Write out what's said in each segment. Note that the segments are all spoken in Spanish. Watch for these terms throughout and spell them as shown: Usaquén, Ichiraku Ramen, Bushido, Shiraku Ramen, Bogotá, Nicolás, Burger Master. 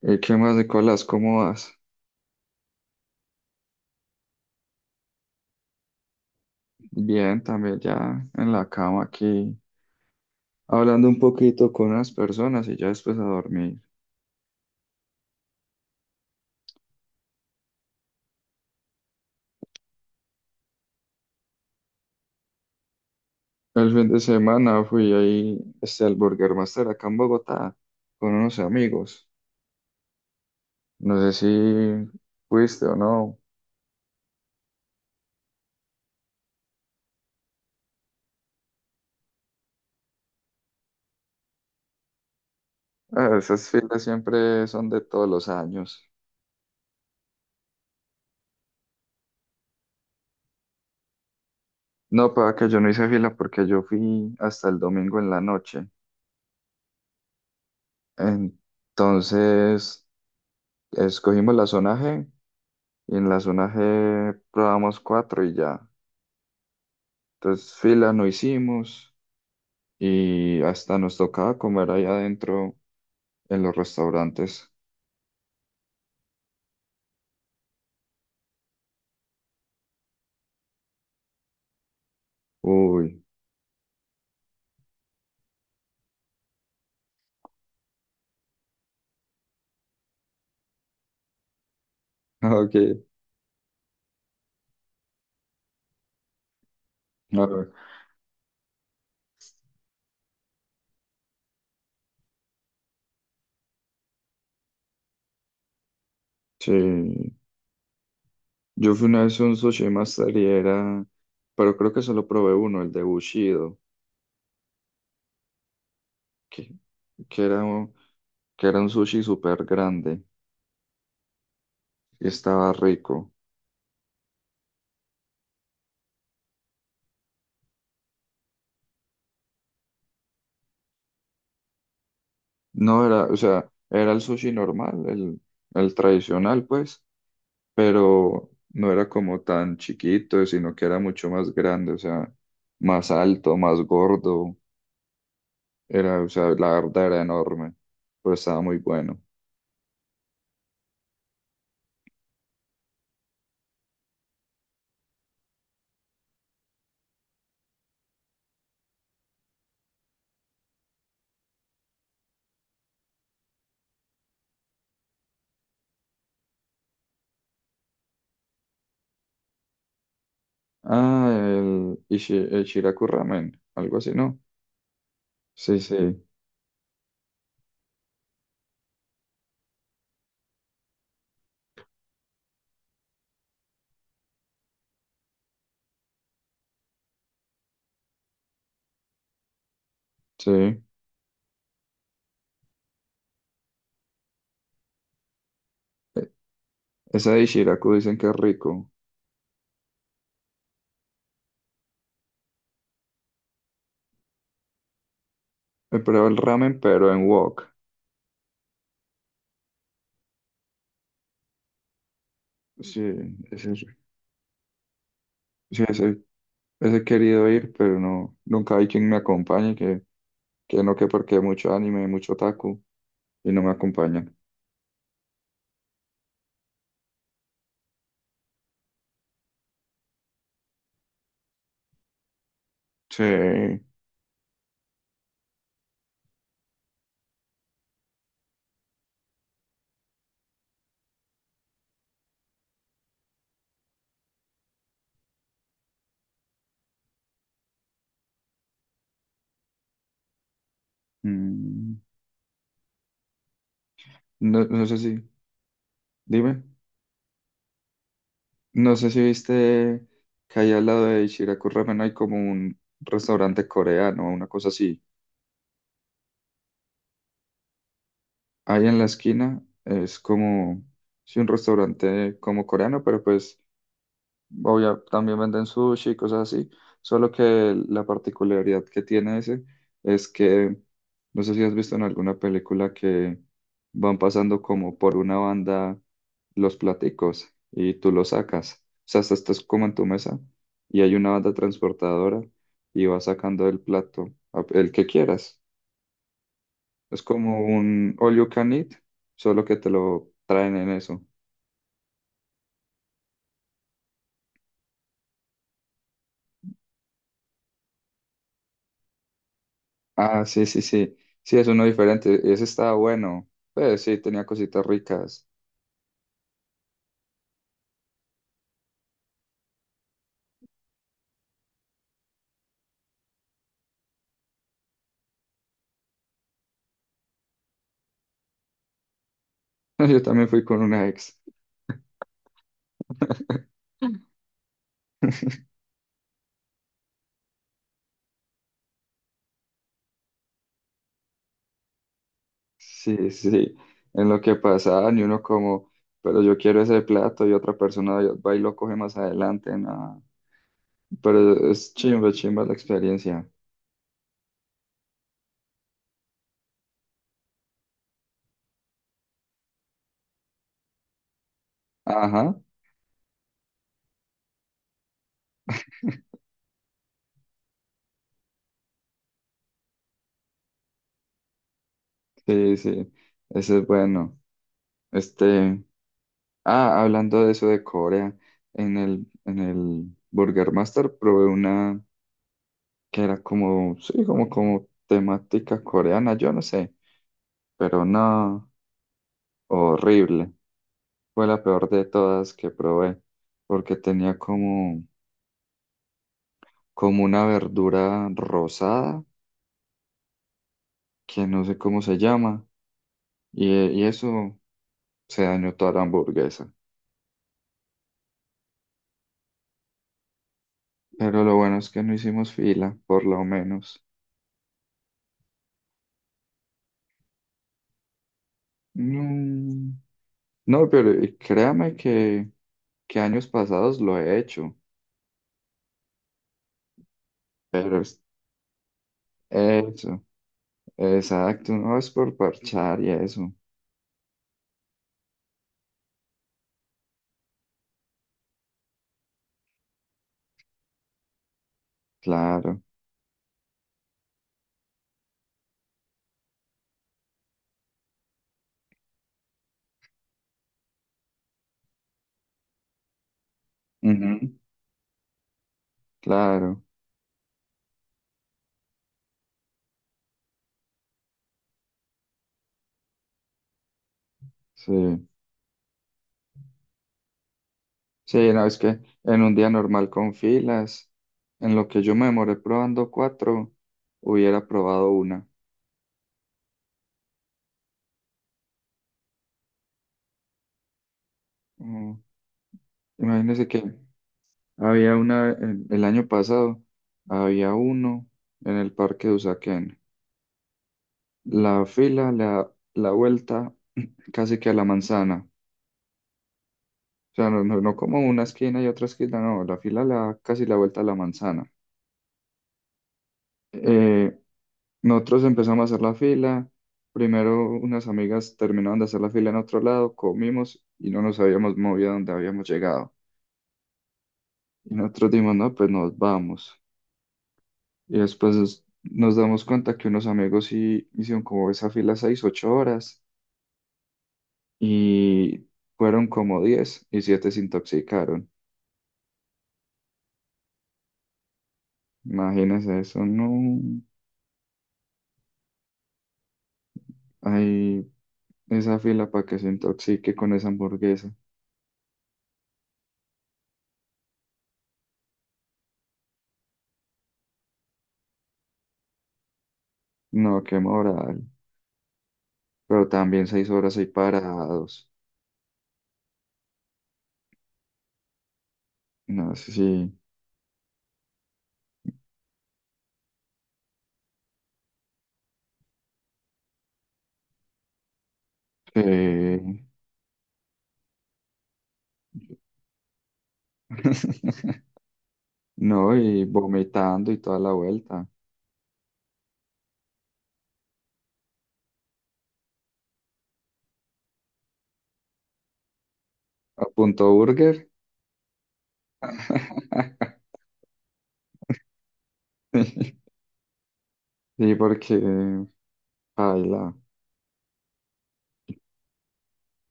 ¿Qué más, Nicolás? ¿Cómo vas? Bien, también ya en la cama aquí, hablando un poquito con unas personas y ya después a dormir. El fin de semana fui ahí al Burger Master acá en Bogotá con unos amigos. No sé si fuiste o no. Ah, esas filas siempre son de todos los años. No, para que yo no hice fila porque yo fui hasta el domingo en la noche. Entonces, escogimos la zona G. Y en la zona G probamos cuatro y ya. Entonces fila no hicimos y hasta nos tocaba comer ahí adentro en los restaurantes. Uy, ok. A ver, sí, yo fui una vez a un sushi master y era, pero creo que solo probé uno, el de Bushido, que, que era, un- que era un sushi súper grande y estaba rico. No era, o sea, era el sushi normal, el tradicional, pues pero no era como tan chiquito, sino que era mucho más grande, o sea, más alto, más gordo, era, o sea, la verdad era enorme, pero estaba muy bueno. Ah, el Shiraku Ramen, algo así, ¿no? Sí, sí, sí. Esa de Shiraku dicen que es rico. He probado el ramen, pero en wok. Sí, ese, sí, ese, ese he querido ir, pero no, nunca hay quien me acompañe, que no, que porque hay mucho anime, mucho otaku, y no me acompañan. Sí. Mm, No, no sé si, dime, no sé si viste que ahí al lado de Ichiraku Ramen hay como un restaurante coreano, una cosa así. Ahí en la esquina es como, sí, un restaurante como coreano, pero pues obvio también venden sushi y cosas así, solo que la particularidad que tiene ese es que, no sé si has visto en alguna película que van pasando como por una banda los platicos y tú los sacas, o sea, estás como en tu mesa y hay una banda transportadora y vas sacando el plato, el que quieras. Es como un all you can eat, solo que te lo traen en eso. Ah, sí, sí, sí. Sí, es uno diferente y ese estaba bueno. Pues sí, tenía cositas ricas. Yo también fui con una ex. Sí, sí. En lo que pasaban y uno como, pero yo quiero ese plato y otra persona va y lo coge más adelante. Nada. Pero es chimba, chimba la experiencia. Ajá. Sí, sí, ese es bueno. Este, ah, hablando de eso de Corea, en el, Burger Master probé una, que era como, sí, como temática coreana, yo no sé, pero no, horrible. Fue la peor de todas que probé, porque tenía como, una verdura rosada, que no sé cómo se llama, y eso se dañó toda la hamburguesa. Pero lo bueno es que no hicimos fila, por lo menos. No, no, pero créame que años pasados lo he hecho, pero eso. Exacto, no es por parchar y eso, claro, ujú, claro, sí, sí, no, es que en un día normal con filas, en lo que yo me demoré probando cuatro, hubiera probado una. Mm, Imagínese que había una, el, año pasado, había uno en el parque de Usaquén, la fila, la vuelta casi que a la manzana, o sea, no, no, no como una esquina y otra esquina, no, la fila la, casi la vuelta a la manzana. Eh, Nosotros empezamos a hacer la fila. Primero unas amigas terminaron de hacer la fila en otro lado, comimos y no nos habíamos movido a donde habíamos llegado. Y nosotros dijimos, no, pues nos vamos. Y después nos damos cuenta que unos amigos sí hicieron como esa fila 6, 8 horas y fueron como 17 se intoxicaron. Imagínense eso, no hay esa fila para que se intoxique con esa hamburguesa. No, qué moral. Pero también 6 horas ahí parados. No sé si... eh, no, y vomitando y toda la vuelta. A Punto Burger. Sí, porque... Paila.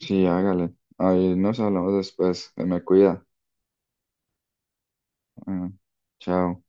Sí, hágale. Ahí nos hablamos después. Se me cuida. Bueno, chao.